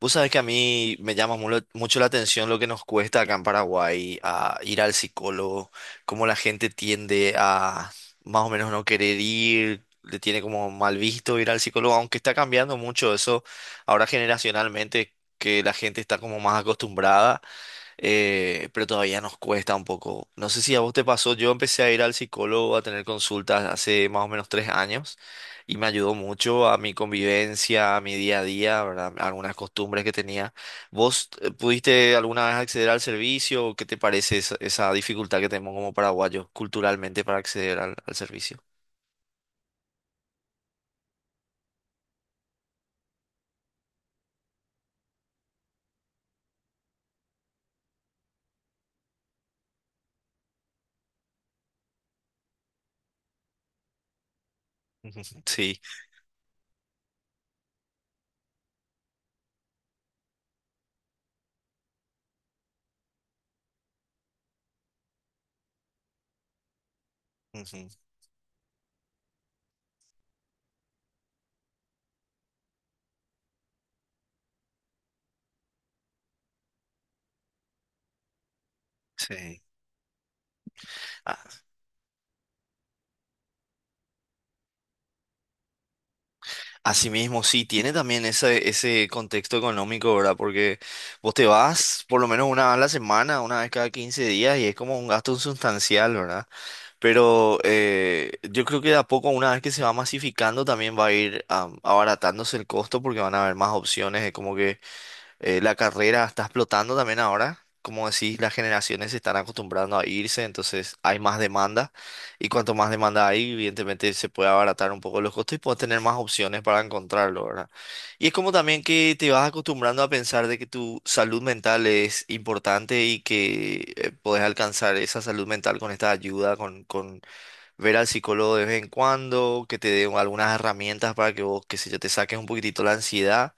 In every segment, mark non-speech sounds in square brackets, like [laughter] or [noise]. Vos sabés que a mí me llama mucho la atención lo que nos cuesta acá en Paraguay a ir al psicólogo, cómo la gente tiende a más o menos no querer ir, le tiene como mal visto ir al psicólogo, aunque está cambiando mucho eso ahora generacionalmente, que la gente está como más acostumbrada, pero todavía nos cuesta un poco. No sé si a vos te pasó, yo empecé a ir al psicólogo a tener consultas hace más o menos 3 años y me ayudó mucho a mi convivencia, a mi día a día, ¿verdad? Algunas costumbres que tenía. ¿Vos pudiste alguna vez acceder al servicio? ¿O ¿Qué te parece esa dificultad que tenemos como paraguayos culturalmente para acceder al servicio? Ujú, sí. Ujú, sí. Asimismo, sí, tiene también ese contexto económico, ¿verdad? Porque vos te vas por lo menos una vez a la semana, una vez cada 15 días, y es como un gasto sustancial, ¿verdad? Pero yo creo que de a poco, una vez que se va masificando, también va a ir abaratándose el costo porque van a haber más opciones, es como que la carrera está explotando también ahora. Como decís, las generaciones se están acostumbrando a irse, entonces hay más demanda. Y cuanto más demanda hay, evidentemente se puede abaratar un poco los costos y puedes tener más opciones para encontrarlo, ¿verdad? Y es como también que te vas acostumbrando a pensar de que tu salud mental es importante y que podés alcanzar esa salud mental con esta ayuda, con ver al psicólogo de vez en cuando, que te dé algunas herramientas para que vos, qué sé yo, te saques un poquitito la ansiedad.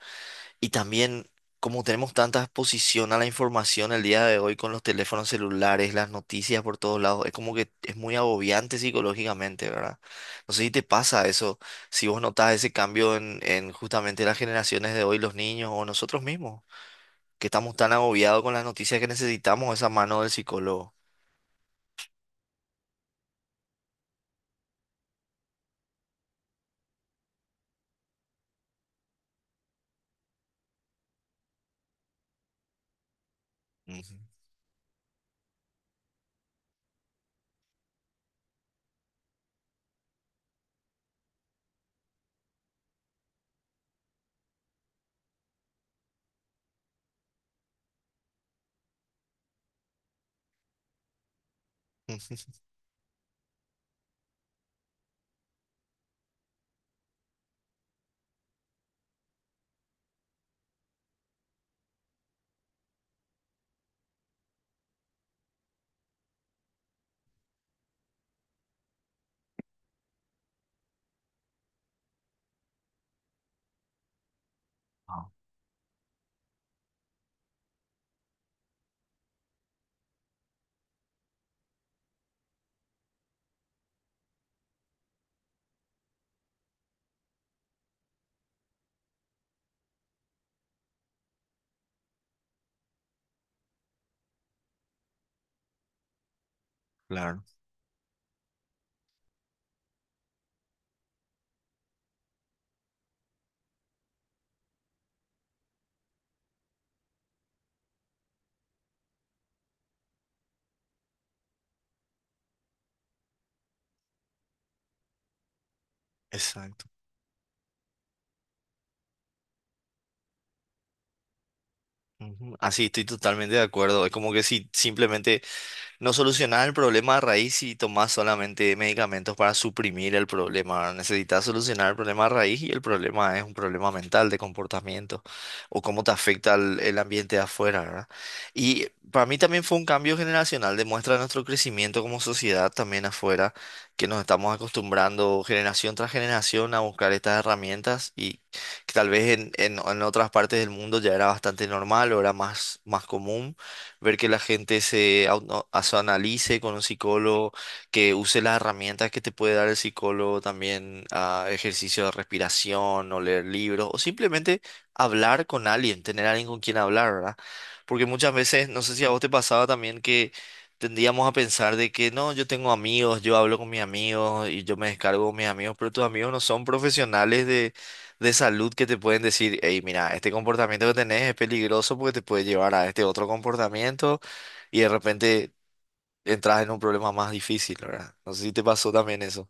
Y también, como tenemos tanta exposición a la información el día de hoy con los teléfonos celulares, las noticias por todos lados, es como que es muy agobiante psicológicamente, ¿verdad? No sé si te pasa eso, si vos notas ese cambio en justamente las generaciones de hoy, los niños o nosotros mismos, que estamos tan agobiados con las noticias que necesitamos esa mano del psicólogo. Ujú. [laughs] Exacto. Ujú. Así, estoy totalmente de acuerdo. Es como que si simplemente no solucionás el problema a raíz si tomás solamente medicamentos para suprimir el problema, ¿verdad? Necesitas solucionar el problema a raíz y el problema es un problema mental de comportamiento o cómo te afecta el ambiente de afuera, ¿verdad? Y para mí también fue un cambio generacional, demuestra nuestro crecimiento como sociedad también afuera, que nos estamos acostumbrando generación tras generación a buscar estas herramientas y que tal vez en otras partes del mundo ya era bastante normal o era más común ver que la gente se analice con un psicólogo, que use las herramientas que te puede dar el psicólogo también, ah, ejercicio de respiración o leer libros, o simplemente hablar con alguien, tener alguien con quien hablar, ¿verdad? Porque muchas veces, no sé si a vos te pasaba también que tendíamos a pensar de que no, yo tengo amigos, yo hablo con mis amigos y yo me descargo con mis amigos, pero tus amigos no son profesionales de salud que te pueden decir, hey, mira, este comportamiento que tenés es peligroso porque te puede llevar a este otro comportamiento y de repente entras en un problema más difícil, ¿verdad? No sé si te pasó también eso.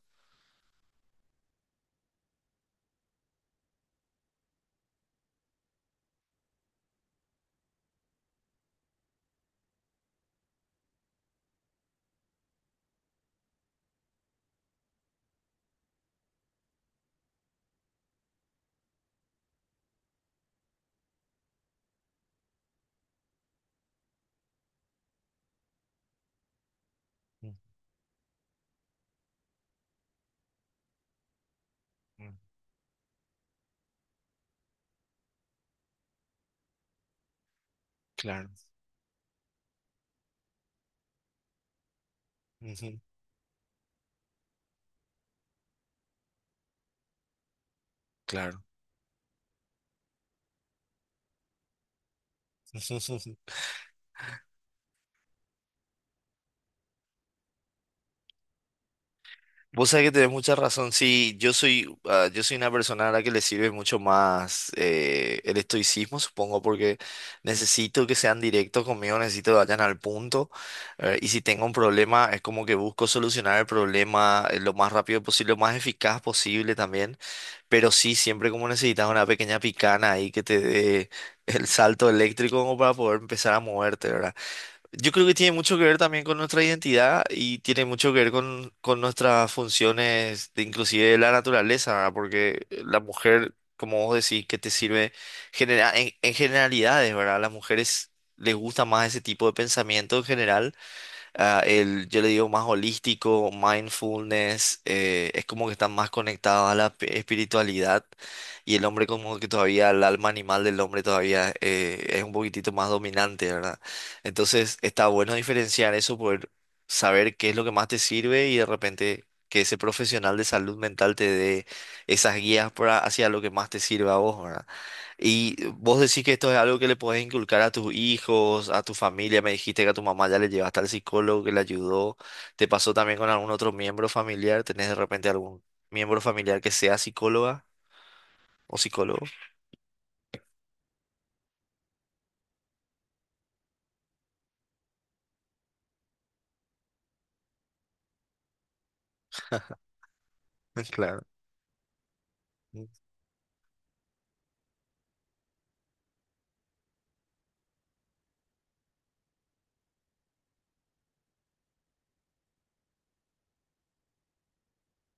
Ujú, claro. Ujú, claro. [laughs] Vos sabés que tenés mucha razón. Sí, yo soy una persona a la que le sirve mucho más el estoicismo, supongo, porque necesito que sean directos conmigo, necesito que vayan al punto. Y si tengo un problema, es como que busco solucionar el problema lo más rápido posible, lo más eficaz posible también. Pero sí, siempre como necesitas una pequeña picana ahí que te dé el salto eléctrico como para poder empezar a moverte, ¿verdad? Yo creo que tiene mucho que ver también con nuestra identidad y tiene mucho que ver con nuestras funciones, de, inclusive de la naturaleza, ¿verdad? Porque la mujer, como vos decís, que te sirve en generalidades, ¿verdad? A las mujeres les gusta más ese tipo de pensamiento en general, yo le digo más holístico, mindfulness, es como que están más conectados a la espiritualidad y el hombre como que todavía, el alma animal del hombre todavía es un poquitito más dominante, ¿verdad? Entonces está bueno diferenciar eso, poder saber qué es lo que más te sirve y de repente que ese profesional de salud mental te dé esas guías para, hacia lo que más te sirve a vos, ¿verdad? Y vos decís que esto es algo que le podés inculcar a tus hijos, a tu familia. Me dijiste que a tu mamá ya le llevaste al psicólogo que le ayudó. ¿Te pasó también con algún otro miembro familiar? ¿Tenés de repente algún miembro familiar que sea psicóloga o psicólogo? [laughs] Claro.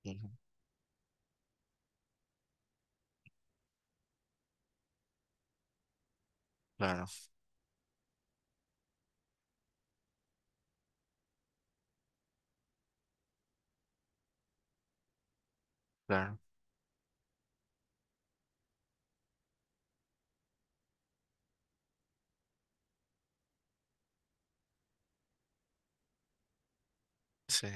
Ujú, claro, claro. Sí.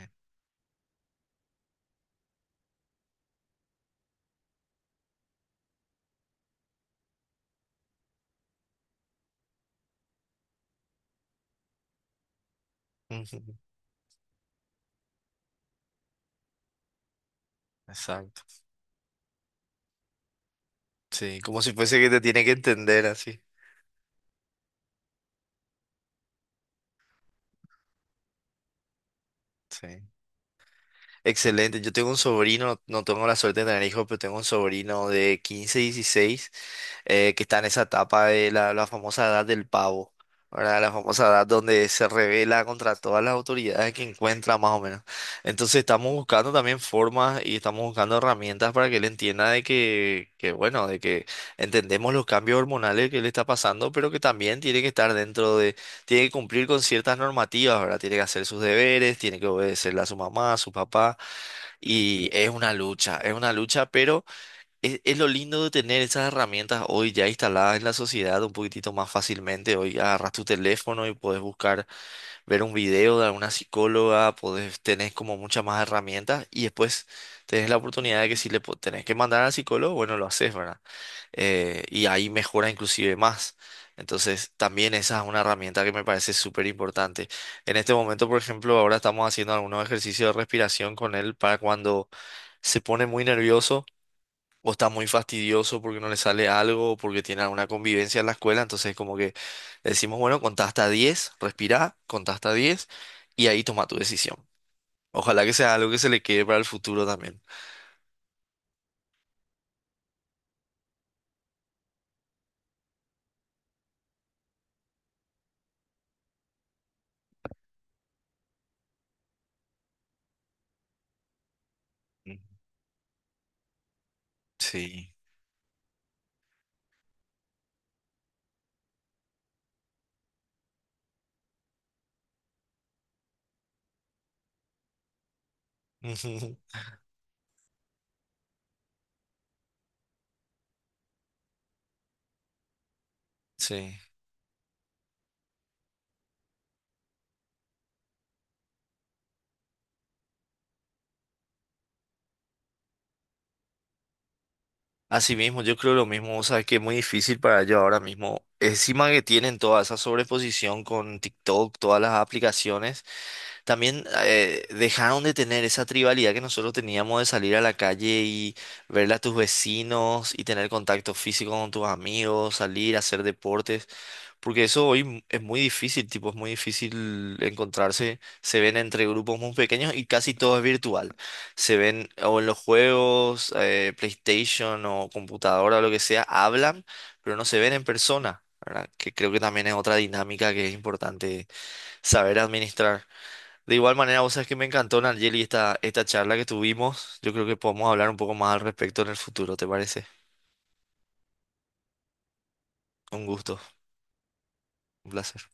Ujú, exacto. Sí, como si fuese que te tiene que entender así. Sí. Excelente, yo tengo un sobrino, no tengo la suerte de tener hijos, pero tengo un sobrino de 15, 16, que está en esa etapa de la famosa edad del pavo, ¿verdad? La famosa edad donde se revela contra todas las autoridades que encuentra, más o menos. Entonces estamos buscando también formas y estamos buscando herramientas para que él entienda de bueno, de que entendemos los cambios hormonales que le está pasando, pero que también tiene que estar dentro de, tiene que cumplir con ciertas normativas, ¿verdad? Tiene que hacer sus deberes, tiene que obedecerle a su mamá, a su papá. Y es una lucha, pero es lo lindo de tener esas herramientas hoy ya instaladas en la sociedad un poquitito más fácilmente. Hoy agarras tu teléfono y puedes buscar, ver un video de alguna psicóloga, podés, tenés como muchas más herramientas y después tenés la oportunidad de que si tenés que mandar al psicólogo, bueno, lo haces, ¿verdad? Y ahí mejora inclusive más. Entonces, también esa es una herramienta que me parece súper importante. En este momento, por ejemplo, ahora estamos haciendo algunos ejercicios de respiración con él para cuando se pone muy nervioso o está muy fastidioso porque no le sale algo o porque tiene alguna convivencia en la escuela. Entonces, como que decimos, bueno, contá hasta 10, respirá, contá hasta 10 y ahí toma tu decisión. Ojalá que sea algo que se le quede para el futuro también. Mm, sí. [laughs] Sí. Así mismo, yo creo lo mismo, o sea, que es muy difícil para ellos ahora mismo. Encima que tienen toda esa sobreposición con TikTok, todas las aplicaciones, también dejaron de tener esa tribalidad que nosotros teníamos de salir a la calle y verle a tus vecinos y tener contacto físico con tus amigos, salir a hacer deportes. Porque eso hoy es muy difícil, tipo, es muy difícil encontrarse. Se ven entre grupos muy pequeños y casi todo es virtual. Se ven o en los juegos, PlayStation o computadora o lo que sea, hablan, pero no se ven en persona, ¿verdad? Que creo que también es otra dinámica que es importante saber administrar. De igual manera, vos sabés que me encantó, Nayeli, esta charla que tuvimos. Yo creo que podemos hablar un poco más al respecto en el futuro, ¿te parece? Un gusto, un placer.